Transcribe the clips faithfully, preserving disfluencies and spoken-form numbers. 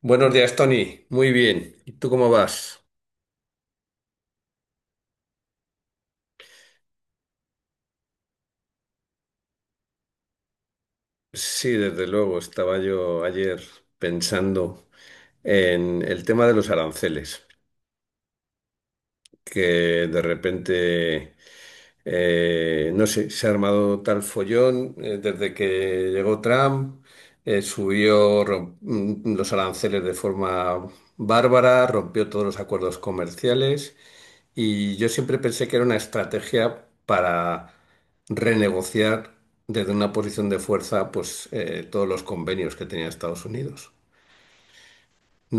Buenos días, Tony. Muy bien. ¿Y tú cómo vas? Sí, desde luego. Estaba yo ayer pensando en el tema de los aranceles, que de repente, eh, no sé, se ha armado tal follón eh, desde que llegó Trump. eh, subió rom- mm, los aranceles de forma bárbara, rompió todos los acuerdos comerciales. Y yo siempre pensé que era una estrategia para renegociar desde una posición de fuerza, pues eh, todos los convenios que tenía Estados Unidos.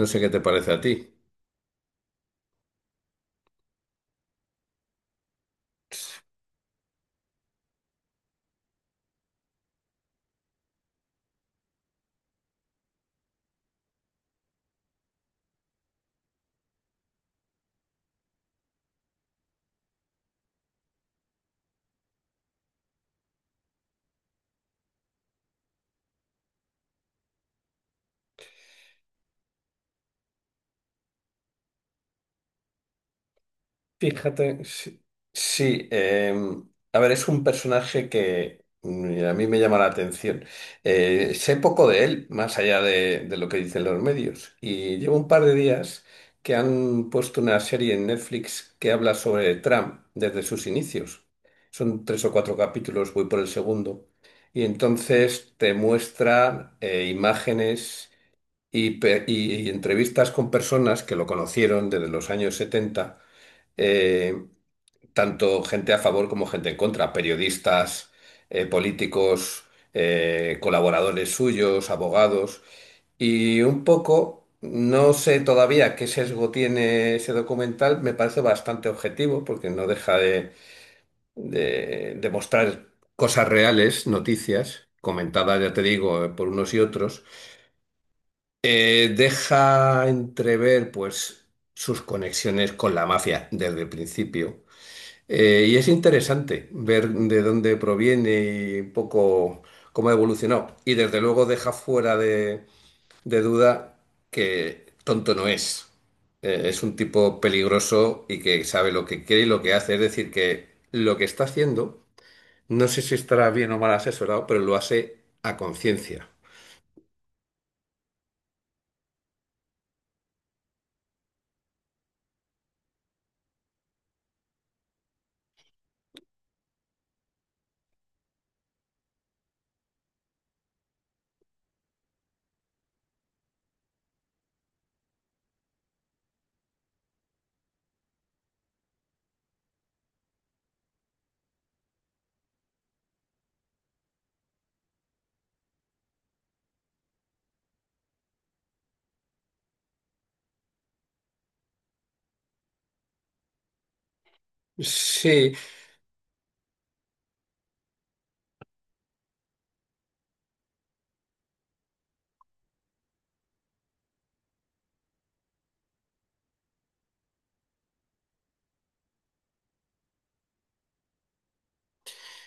No sé qué te parece a ti. Fíjate, sí, sí, em, a ver, es un personaje que mm, a mí me llama la atención. Eh, sé poco de él, más allá de, de lo que dicen los medios, y llevo un par de días que han puesto una serie en Netflix que habla sobre Trump desde sus inicios. Son tres o cuatro capítulos, voy por el segundo, y entonces te muestran eh, imágenes y, pe- y y entrevistas con personas que lo conocieron desde los años setenta, eh, tanto gente a favor como gente en contra, periodistas, eh, políticos, eh, colaboradores suyos, abogados. Y un poco, no sé todavía qué sesgo tiene ese documental, me parece bastante objetivo porque no deja de, de, de mostrar cosas reales, noticias, comentadas, ya te digo, por unos y otros. Eh, deja entrever, pues, sus conexiones con la mafia desde el principio, eh, y es interesante ver de dónde proviene y un poco cómo ha evolucionado. Y desde luego deja fuera de, de duda que tonto no es. Eh, es un tipo peligroso y que sabe lo que quiere y lo que hace. Es decir, que lo que está haciendo, no sé si estará bien o mal asesorado, pero lo hace a conciencia. Sí.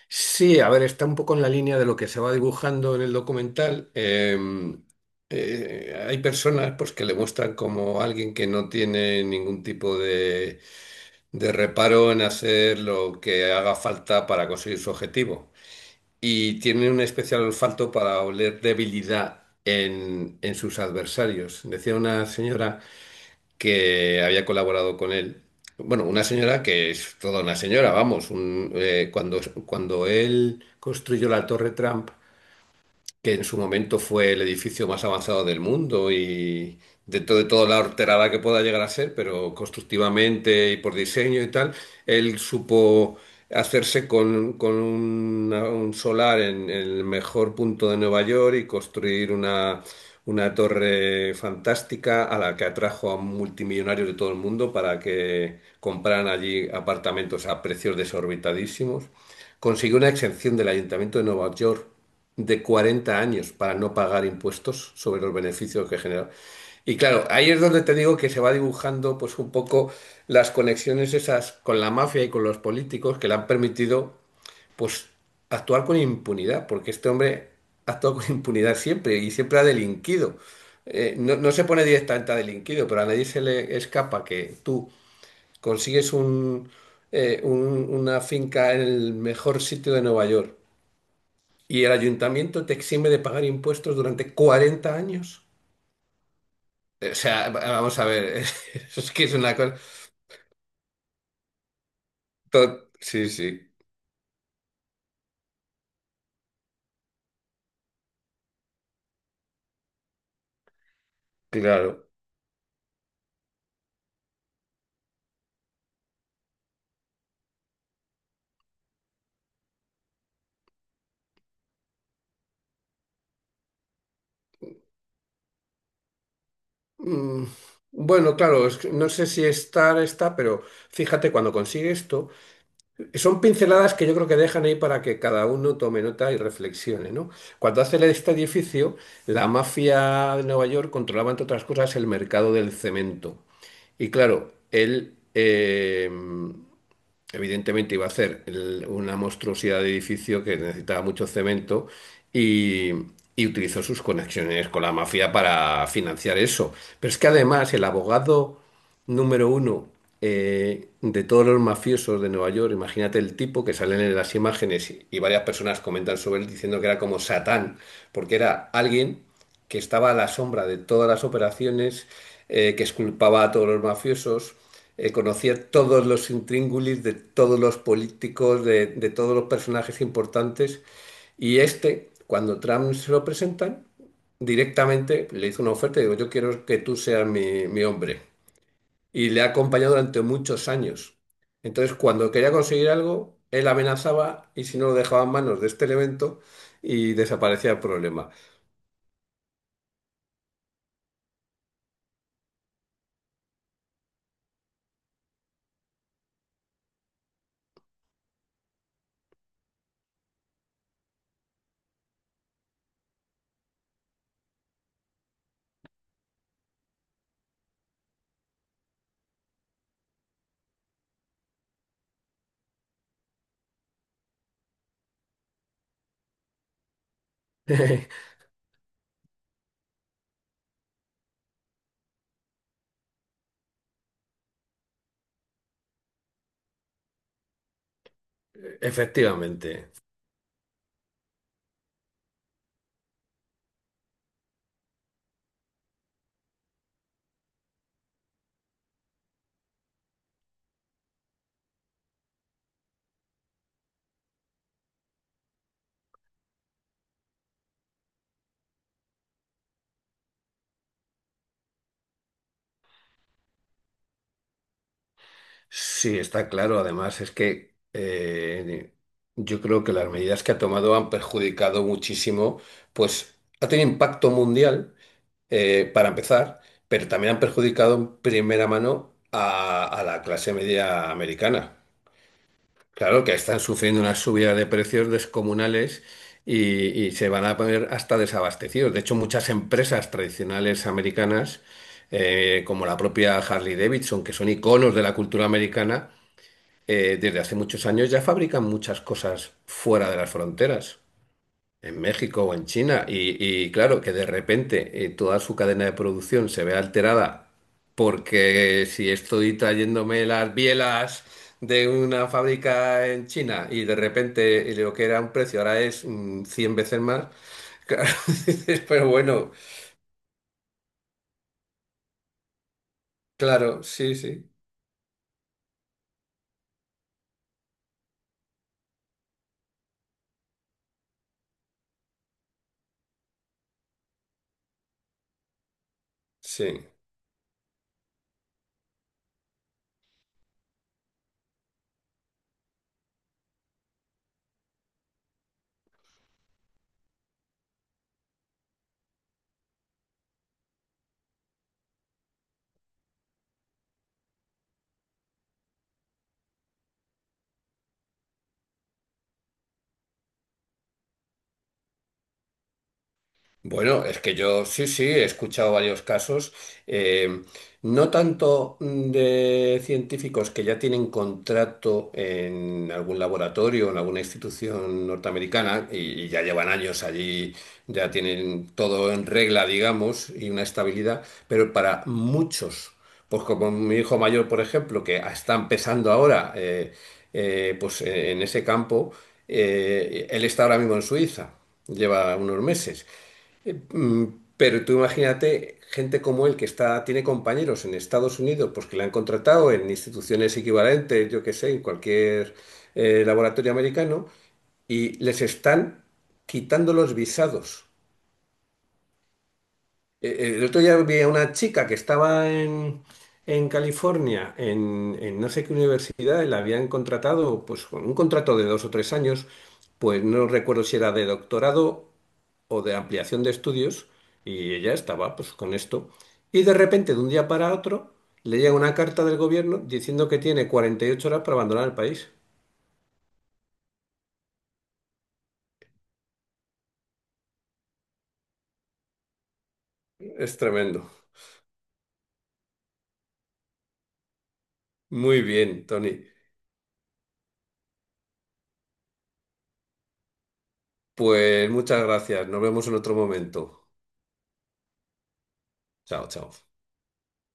Sí, a ver, está un poco en la línea de lo que se va dibujando en el documental. Eh, eh, hay personas pues, que le muestran como alguien que no tiene ningún tipo de, de reparo en hacer lo que haga falta para conseguir su objetivo. Y tiene un especial olfato para oler debilidad en, en sus adversarios. Decía una señora que había colaborado con él. Bueno, una señora que es toda una señora, vamos, un- eh, cuando, cuando él construyó la Torre Trump, que en su momento fue el edificio más avanzado del mundo y dentro de toda la horterada que pueda llegar a ser, pero constructivamente y por diseño y tal, él supo hacerse con, con una- un solar en el mejor punto de Nueva York y construir una, una torre fantástica a la que atrajo a multimillonarios de todo el mundo para que compraran allí apartamentos a precios desorbitadísimos. Consiguió una exención del Ayuntamiento de Nueva York de cuarenta años para no pagar impuestos sobre los beneficios que generaba. Y claro, ahí es donde te digo que se va dibujando pues un poco las conexiones esas con la mafia y con los políticos que le han permitido pues actuar con impunidad, porque este hombre ha actuado con impunidad siempre y siempre ha delinquido. Eh, no, no se pone directamente a delinquido, pero a nadie se le escapa que tú consigues un, eh, un- una finca en el mejor sitio de Nueva York y el ayuntamiento te exime de pagar impuestos durante cuarenta años. O sea, va- vamos a ver, es que es una cosa... to- Sí, sí, claro. Mm, bueno, claro, es que no sé si estar está, pero fíjate, cuando consigues esto, son pinceladas que yo creo que dejan ahí para que cada uno tome nota y reflexione, ¿no? Cuando hace este edificio, la mafia de Nueva York controlaba, entre otras cosas, el mercado del cemento. Y claro, él, eh, evidentemente iba a ser el- una monstruosidad de edificio que necesitaba mucho cemento y, y utilizó sus conexiones con la mafia para financiar eso. Pero es que además el abogado número uno eh, de todos los mafiosos de Nueva York, imagínate el tipo que salen en las imágenes y, y varias personas comentan sobre él diciendo que era como Satán, porque era alguien que estaba a la sombra de todas las operaciones, eh, que exculpaba a todos los mafiosos, eh, conocía todos los intríngulis de todos los políticos, de, de todos los personajes importantes. Y este, cuando Trump se lo presentan, directamente le hizo una oferta y digo, yo quiero que tú seas mi, mi hombre. Y le ha acompañado durante muchos años. Entonces, cuando quería conseguir algo, él amenazaba y si no lo dejaba en manos de este elemento y desaparecía el problema. Efectivamente, sí, está claro. Además, es que eh, yo creo que las medidas que ha tomado han perjudicado muchísimo, pues ha tenido impacto mundial, eh, para empezar, pero también han perjudicado en primera mano a, a la clase media americana. Claro que están sufriendo una subida de precios descomunales y, y se van a poner hasta desabastecidos. De hecho, muchas empresas tradicionales americanas, eh, como la propia Harley Davidson, que son iconos de la cultura americana, eh, desde hace muchos años ya fabrican muchas cosas fuera de las fronteras, en México o en China. Y, y claro, que de repente eh, toda su cadena de producción se ve alterada porque si estoy trayéndome las bielas de una fábrica en China y de repente lo que era un precio ahora es mm, cien veces más, claro, dices, pero bueno, claro, sí, sí, sí. Bueno, es que yo sí, sí, he escuchado varios casos, eh, no tanto mm, de científicos que ya tienen contrato en algún laboratorio, en alguna institución norteamericana y, y ya llevan años allí, ya tienen todo en regla, digamos, y una estabilidad, pero para muchos, pues como mi hijo mayor, por ejemplo, que está empezando ahora, eh, eh, pues en ese campo, eh, él está ahora mismo en Suiza, lleva unos meses. Eh, mm, Pero tú imagínate gente como él que está, tiene compañeros en Estados Unidos, pues que le han contratado en instituciones equivalentes, yo qué sé, en cualquier eh, laboratorio americano, y les están quitando los visados. Eh, eh, El otro día vi a una chica que estaba en, en California, en, en no sé qué universidad, y la habían contratado pues con un contrato de dos o tres años, pues no recuerdo si era de doctorado o de ampliación de estudios y ella estaba pues con esto. Y de repente, de un día para otro, le llega una carta del gobierno diciendo que tiene cuarenta y ocho horas para abandonar el país. Es tremendo. Muy bien, Tony. Pues muchas gracias. Nos vemos en otro momento. Chao, chao.